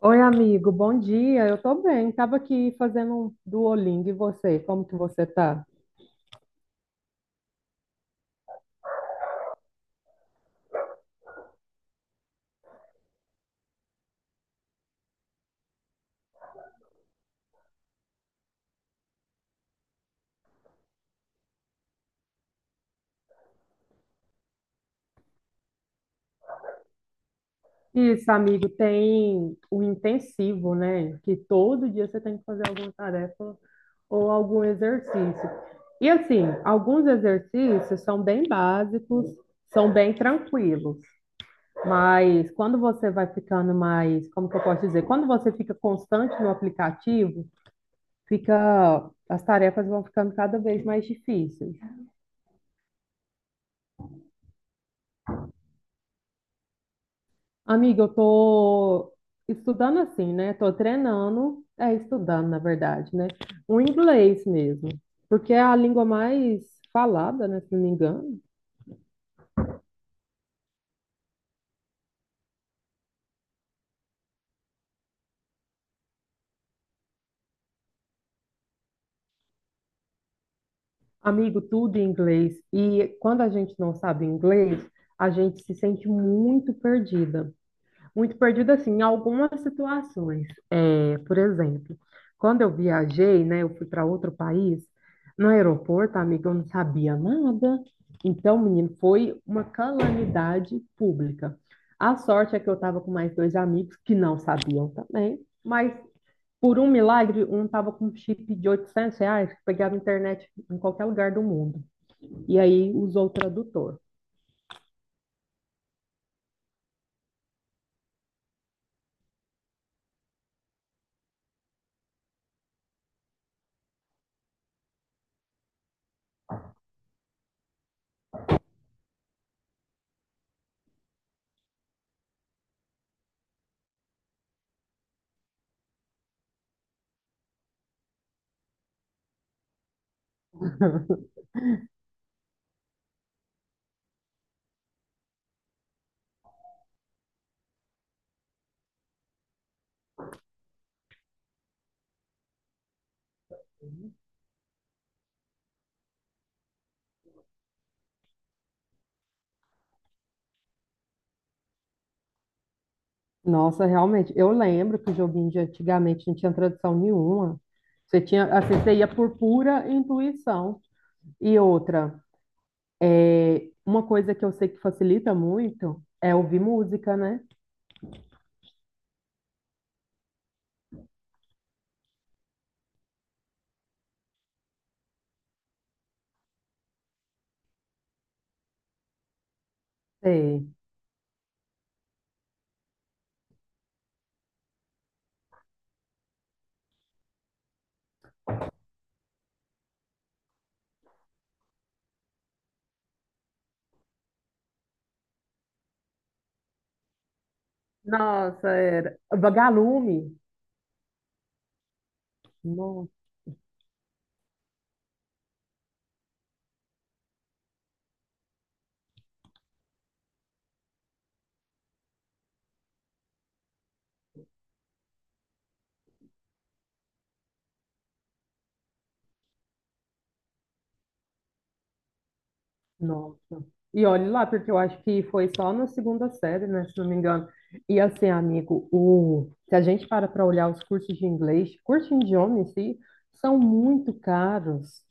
Oi, amigo, bom dia. Eu tô bem. Tava aqui fazendo um Duolingo. E você? Como que você tá? Isso, amigo, tem o intensivo, né? Que todo dia você tem que fazer alguma tarefa ou algum exercício. E assim, alguns exercícios são bem básicos, são bem tranquilos, mas quando você vai ficando mais, como que eu posso dizer? Quando você fica constante no aplicativo, fica, as tarefas vão ficando cada vez mais difíceis. Amiga, eu tô estudando assim, né? Tô treinando, é estudando, na verdade, né? O inglês mesmo, porque é a língua mais falada, né, se não me engano. Amigo, tudo em inglês. E quando a gente não sabe inglês, a gente se sente muito perdida. Muito perdida, assim, em algumas situações. É, por exemplo, quando eu viajei, né, eu fui para outro país, no aeroporto, amigo, eu não sabia nada. Então, menino, foi uma calamidade pública. A sorte é que eu estava com mais dois amigos que não sabiam também, mas por um milagre, um estava com um chip de R$ 800 que pegava internet em qualquer lugar do mundo. E aí usou o tradutor. Nossa, realmente. Eu lembro que o joguinho de antigamente não tinha tradução nenhuma. Você tinha, assim, você ia por pura intuição. E outra, uma coisa que eu sei que facilita muito é ouvir música, né? Sei. Nossa, era. Vagalume. Nossa. Nossa. E olhe lá, porque eu acho que foi só na segunda série, né, se não me engano. E assim, amigo, o... se a gente para para olhar os cursos de inglês, cursos de idioma em si, são muito caros.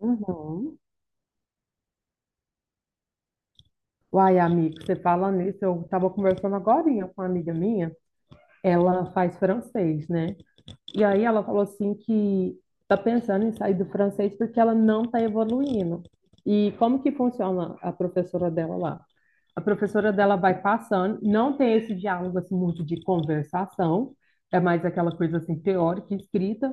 Uhum. Uai, amigo, você fala nisso, eu estava conversando agora com uma amiga minha, ela faz francês, né? E aí ela falou assim que tá pensando em sair do francês porque ela não tá evoluindo. E como que funciona a professora dela lá? A professora dela vai passando, não tem esse diálogo assim muito de conversação, é mais aquela coisa assim teórica, escrita.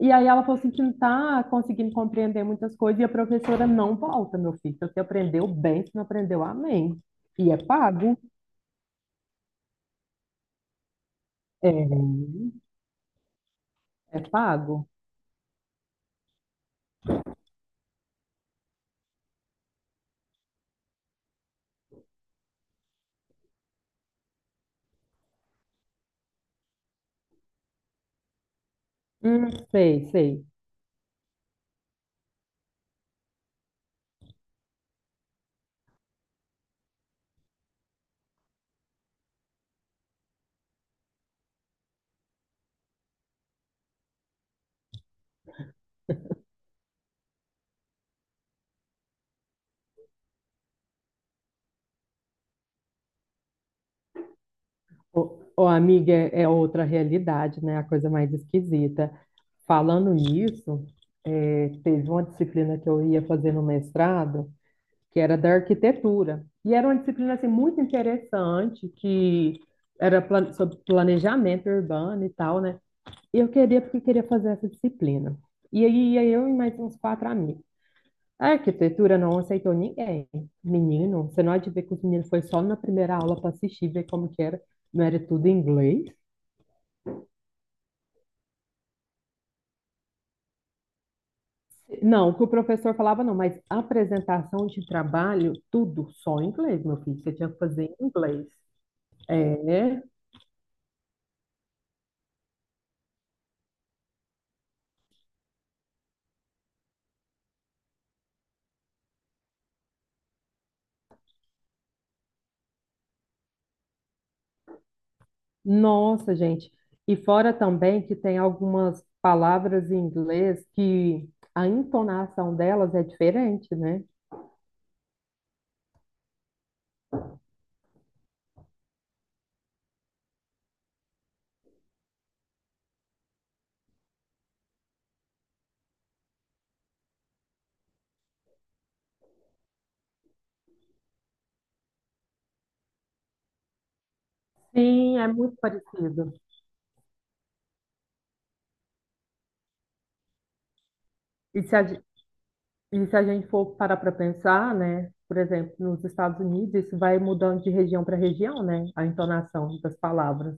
E aí ela falou assim que não tá conseguindo compreender muitas coisas e a professora não volta, meu filho. Se você aprendeu bem, se não aprendeu, amém. E é pago? É, é pago? Sei, sei. Ô, ô, amiga, é é outra realidade, né? A coisa mais esquisita. Falando nisso, teve uma disciplina que eu ia fazer no mestrado, que era da arquitetura. E era uma disciplina assim, muito interessante, que era sobre planejamento urbano e tal, né? E eu queria, porque queria fazer essa disciplina. E aí ia eu e mais uns quatro amigos. A arquitetura não aceitou ninguém. Menino, você não há de ver que os meninos foi só na primeira aula para assistir, ver como que era. Não era tudo em inglês. Não, o que o professor falava não, mas apresentação de trabalho, tudo só em inglês, meu filho. Você tinha que fazer em inglês. É, nossa, gente. E fora também que tem algumas palavras em inglês que a entonação delas é diferente, né? Sim, é muito parecido. E se e se a gente for parar para pensar, né? Por exemplo, nos Estados Unidos, isso vai mudando de região para região, né? A entonação das palavras.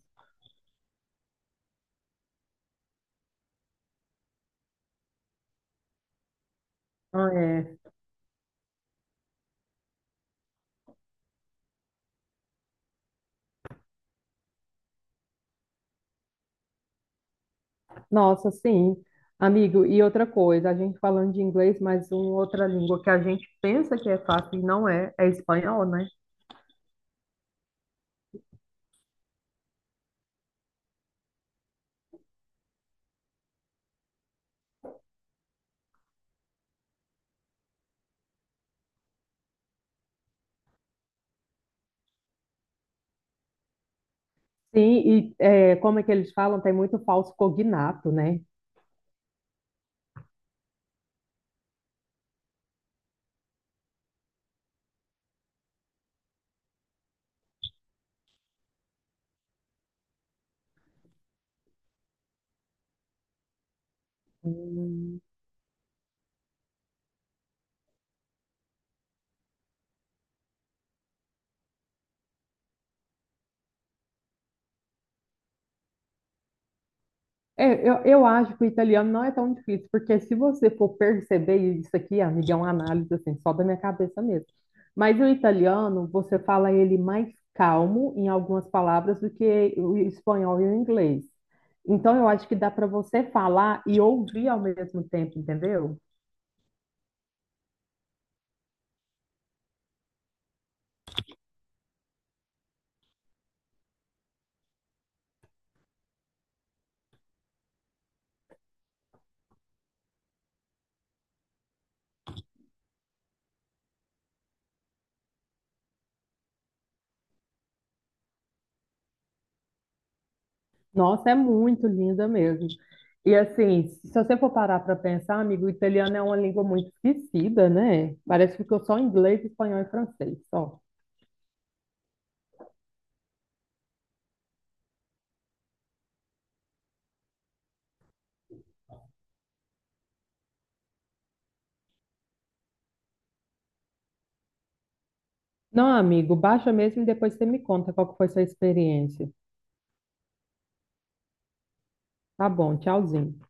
Nossa, sim, amigo. E outra coisa, a gente falando de inglês, mas uma outra língua que a gente pensa que é fácil e não é, é espanhol, né? Sim, e é, como é que eles falam? Tem muito falso cognato, né? Hum. É, eu acho que o italiano não é tão difícil, porque se você for perceber e isso aqui, amiga, é uma análise assim, só da minha cabeça mesmo. Mas o italiano, você fala ele mais calmo em algumas palavras do que o espanhol e o inglês. Então, eu acho que dá para você falar e ouvir ao mesmo tempo, entendeu? Nossa, é muito linda mesmo. E assim, se você for parar para pensar, amigo, o italiano é uma língua muito esquecida, né? Parece que ficou só inglês, espanhol e francês, só. Não, amigo, baixa mesmo e depois você me conta qual que foi sua experiência. Tá bom, tchauzinho.